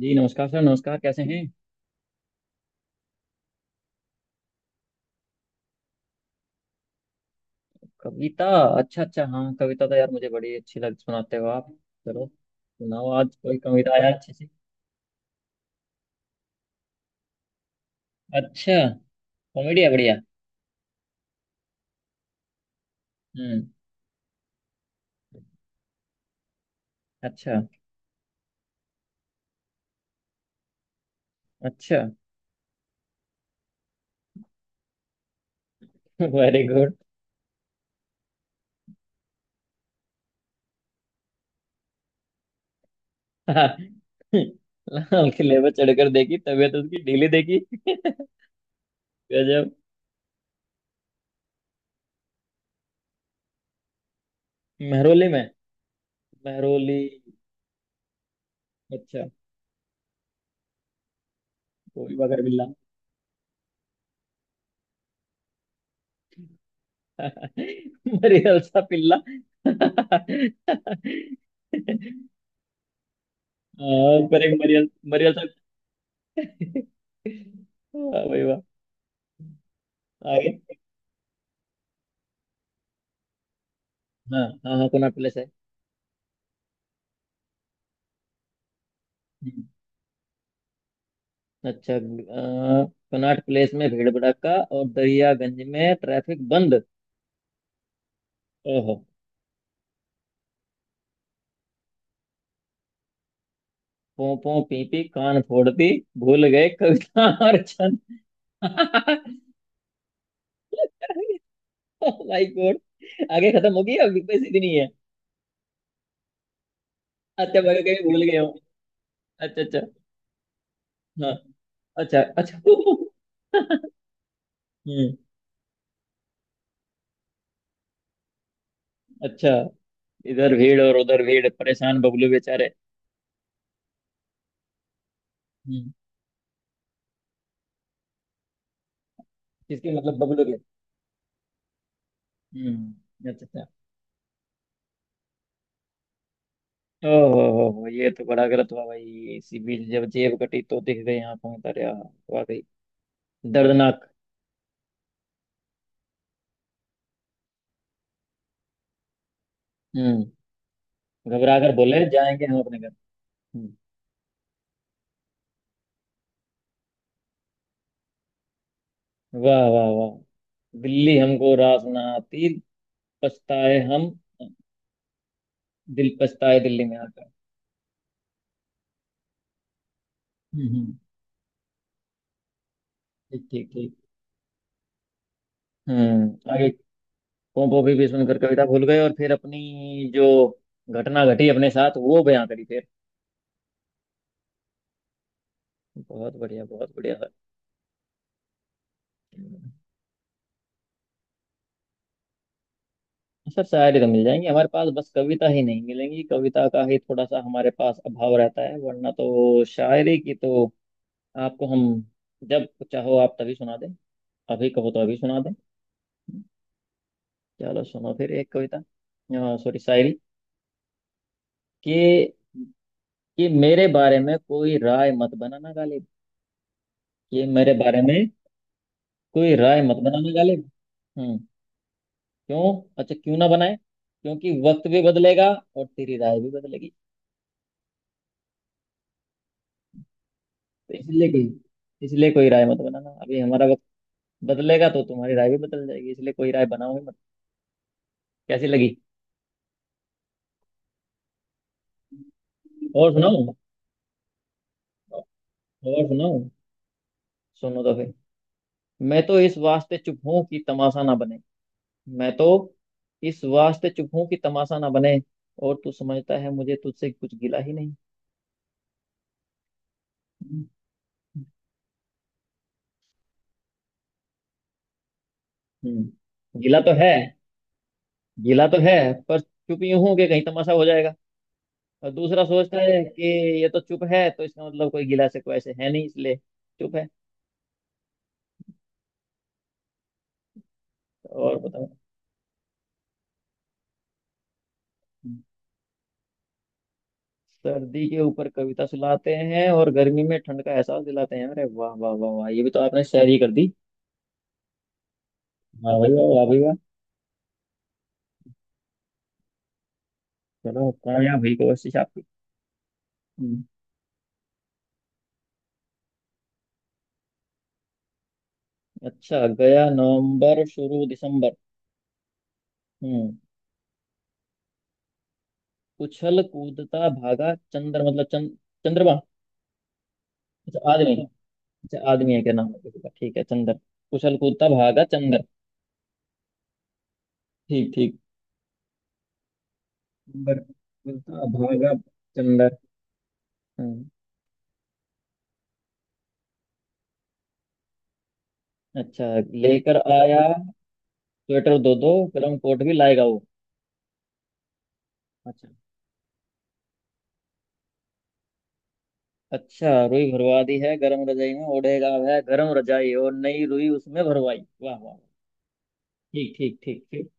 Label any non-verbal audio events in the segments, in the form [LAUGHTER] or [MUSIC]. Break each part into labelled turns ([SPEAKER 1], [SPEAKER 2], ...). [SPEAKER 1] जी नमस्कार सर। नमस्कार, कैसे हैं? कविता? अच्छा अच्छा, हाँ कविता तो यार मुझे बड़ी अच्छी लग, सुनाते हो आप। चलो सुनाओ आज कोई कविता यार अच्छी सी। अच्छा। कॉमेडी है, बढ़िया। हम्म। अच्छा अच्छा। [LAUGHS] Very good. लाल किले पर चढ़कर देखी तबीयत उसकी ढीली देखी। [LAUGHS] गजब। महरोली में। महरोली। अच्छा। कोई बगर बिल्ला। [LAUGHS] मरियल सा पिल्ला। [LAUGHS] हाँ, पर एक मरियल मरियल सा। वाह भाई वाह। आगे। हाँ हाँ हाँ, कोनाट प्लेस है। हम्म। अच्छा। कोनाट प्लेस में भीड़ भड़क्का और दरियागंज में ट्रैफिक बंद। ओहो। पों पों पी पी कान फोड़ दी, भूल गए कविता और छंद। [LAUGHS] ओह माय गॉड। आगे खत्म हो गई? अभी कोई सीधी नहीं है। अच्छा, मैं कहीं भूल गया हूँ। अच्छा अच्छा, हाँ। अच्छा अच्छा। [LAUGHS] हम्म। अच्छा। इधर भीड़ और उधर भीड़, परेशान बबलू बेचारे। हम्म। किसके, मतलब बबलू के? हम्म, अच्छा अच्छा। ओ हो, ये तो बड़ा गलत हुआ भाई। इसी बीच जब जेब कटी तो दिख गए आंखों में तारे। वाकई दर्दनाक। हम्म। घबरा कर बोले जाएंगे हम अपने घर। हम्म, वाह वाह वाह। दिल्ली हमको रास ना आती, पछताए हम। दिल पछताए दिल्ली में आकर। हम्म हम्म, ठीक ठीक ठीक। हम्म, आगे। पोंपो भी सुनकर कविता भूल गए, और फिर अपनी जो घटना घटी अपने साथ वो बयां करी फिर। बहुत बढ़िया, बहुत बढ़िया सर। सर शायरी तो मिल जाएंगी हमारे पास, बस कविता ही नहीं मिलेंगी। कविता का ही थोड़ा सा हमारे पास अभाव रहता है, वरना तो शायरी की तो आपको हम जब चाहो आप तभी सुना दें। अभी कहो तो अभी सुना दें। चलो सुनो फिर एक कविता, सॉरी शायरी। कि कि मेरे बारे में कोई राय मत बनाना गालिब। कि मेरे बारे में कोई राय मत बनाना गालिब। हम्म। क्यों? अच्छा, क्यों ना बनाए? क्योंकि वक्त भी बदलेगा और तेरी राय भी बदलेगी। तो इसलिए कोई, इसलिए कोई राय मत बनाना अभी हमारा। बदलेगा तो तुम्हारी राय भी बदल जाएगी, इसलिए कोई राय बनाओ ही मत। कैसी लगी? और सुनाओ। और सुनाओ। सुनो तो फिर। मैं तो इस वास्ते चुप हूं कि तमाशा ना बने। मैं तो इस वास्ते चुप हूं कि तमाशा ना बने, और तू समझता है मुझे तुझसे कुछ गिला ही नहीं। हम्म। गिला तो है। गिला तो है, पर चुप यूं हूं कि कहीं तमाशा हो जाएगा। और दूसरा सोचता है कि ये तो चुप है, तो इसका मतलब कोई गिला से कोई ऐसे है नहीं, इसलिए चुप है। और बताओ। सर्दी के ऊपर कविता सुनाते हैं और गर्मी में ठंड का एहसास दिलाते हैं, अरे वाह वाह वाह वाह, ये भी तो आपने शायरी कर दी। वाह भाई वाह, वाह भाई वाह। चलो कामयाब हुई कोशिश आपकी। हम्म, अच्छा। गया नवंबर शुरू दिसंबर। हम्म। उछल कूदता भागा चंद्र, मतलब चंद? चंद्रमा? अच्छा आदमी? अच्छा, आदमी है? क्या नाम है किसी का? ठीक है, चंद्र। उछल कूदता भागा चंद्र। ठीक ठीक। चंद्र कूदता भागा चंद्र। हम्म। अच्छा। लेकर आया स्वेटर दो दो, गर्म कोट भी लाएगा वो। अच्छा, अच्छा। रुई भरवा दी है गरम रजाई में। ओढ़ेगा वह गरम रजाई और नई रुई उसमें भरवाई, वाह वाह वाह। ठीक ठीक ठीक ठीक।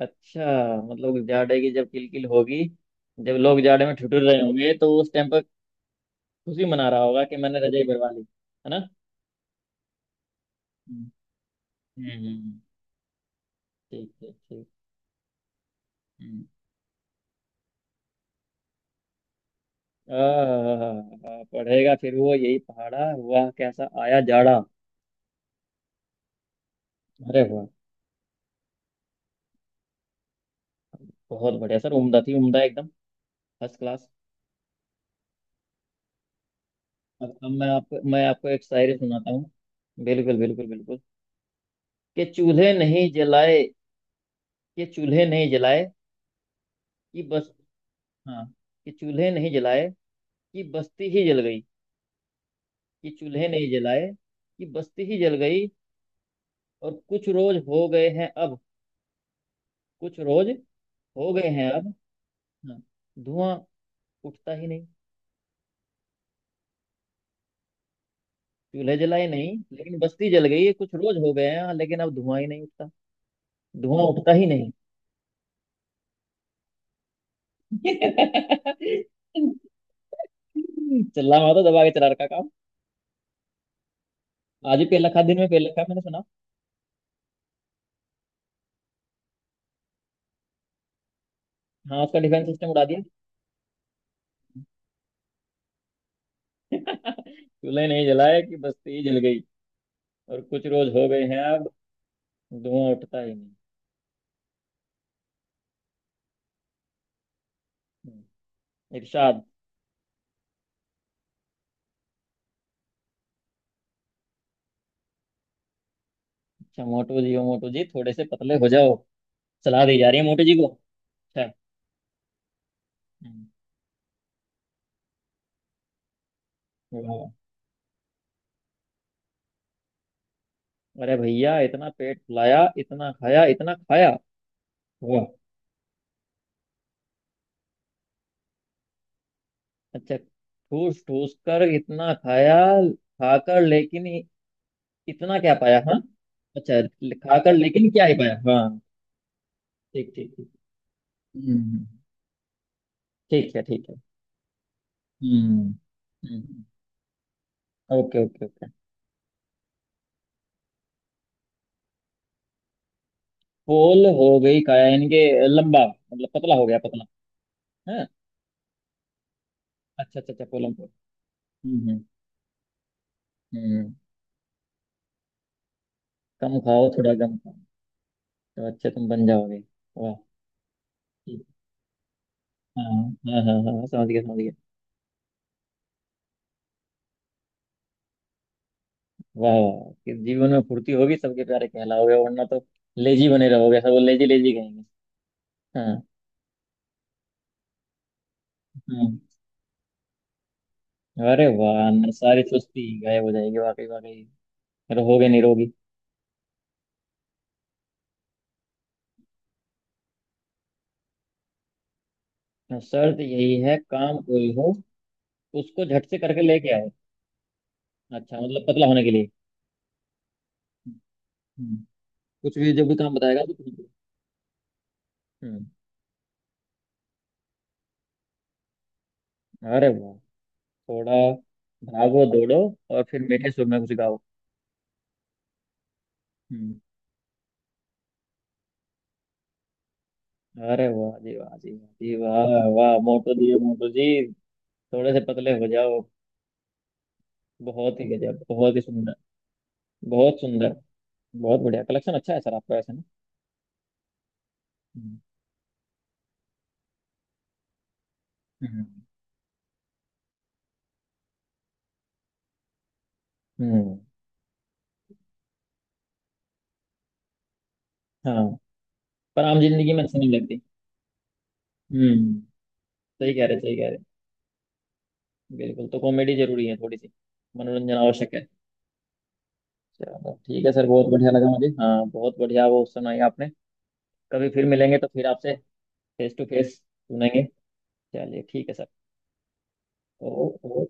[SPEAKER 1] अच्छा, मतलब जाड़े की जब किलकिल होगी, जब लोग जाड़े में ठिठुर रहे होंगे तो उस टाइम पर खुशी मना रहा होगा कि मैंने रजाई भरवा ली, है ना? हम्म। हम्म हम्म, ठीक ठीक ठीक। हम्म। पढ़ेगा फिर वो यही पहाड़ा, वाह कैसा आया जाड़ा। अरे वाह। बहुत बढ़िया सर, उम्दा थी, उम्दा एकदम। First class. अब मैं आपको एक शायरी सुनाता हूँ। बिल्कुल बिल्कुल बिल्कुल। कि चूल्हे नहीं जलाए। कि चूल्हे नहीं जलाए। कि बस, हाँ। कि चूल्हे नहीं जलाए कि बस्ती ही जल गई। कि चूल्हे नहीं जलाए कि बस्ती ही जल गई। और कुछ रोज हो गए हैं अब, कुछ रोज हो गए हैं अब, हाँ, धुआं उठता ही नहीं। चूल्हे जलाए नहीं, लेकिन बस्ती जल गई है। कुछ रोज हो गए हैं, लेकिन अब धुआं ही नहीं उठता। धुआं उठता ही नहीं। [LAUGHS] चल रहा, मैं तो दबा के चला रखा काम। आज ही पेल रखा, दिन में पेल रखा है मैंने सुना। हाँ, उसका डिफेंस सिस्टम उड़ा दिया। चूल्हे नहीं जलाए कि बस्ती जल गई, और कुछ रोज हो गए हैं अब, धुआं उठता ही नहीं। हम्म। इरशाद। अच्छा, मोटू जी ओ मोटू जी, थोड़े से पतले हो जाओ। सलाह दी जा रही है मोटू जी को। अच्छा। हम्म, वाह। अरे भैया इतना पेट फुलाया, इतना खाया इतना खाया। वाह। अच्छा ठूस ठूस कर इतना खाया, खाकर लेकिन कितना क्या पाया, हाँ। अच्छा, लिखा कर लेकिन क्या ही पाया, हाँ। ठीक ठीक ठीक। हम्म। ठीक है ठीक है। हम्म। हम्म। Okay okay okay. पोल हो गई काया, यानी कि लंबा? मतलब पतला हो गया, पतला है? अच्छा अच्छा अच्छा, पोलम पोल। हम्म। हम्म। कम खाओ, थोड़ा कम खाओ, तो अच्छे तुम बन जाओगे। वाह। ठीक। हाँ हाँ हाँ, हाँ समझ गया समझ गया। वाह वाह वाह। कि जीवन में फुर्ती होगी, सबके प्यारे कहलाओगे, वरना तो लेजी बने रहोगे, सब लेजी लेजी कहेंगे। हाँ। हाँ। अरे वाह, अंदर सारी सुस्ती गायब हो जाएगी, वाकई वाकई, रहोगे निरोगी। तो शर्त यही है, काम कोई हो उसको झट से करके लेके आए। अच्छा, मतलब पतला होने के लिए। हम्म, कुछ भी, जो भी काम बताएगा तो कुछ भी। हम्म। अरे वाह, थोड़ा भागो दौड़ो और फिर मीठे सुर में कुछ गाओ। हम्म। अरे वाह जी वाह जी वाह जी वाह। वाह, मोटो जी मोटो जी, थोड़े से पतले हो जाओ। बहुत ही गजब, बहुत ही सुंदर। बहुत सुंदर। बहुत बढ़िया कलेक्शन अच्छा है सर आपका ऐसे ना। हम्म। हम्म हम्म, हाँ। पर आम जिंदगी में अच्छी नहीं लगती। हम्म। सही कह रहे, सही कह रहे। बिल्कुल, तो कॉमेडी जरूरी है थोड़ी सी। मनोरंजन आवश्यक है। चलो ठीक है सर, बहुत बढ़िया लगा मुझे, हाँ बहुत बढ़िया वो सुनाई आपने। कभी फिर मिलेंगे तो फिर आपसे फेस टू फेस सुनेंगे। चलिए ठीक है सर। ओ, ओ,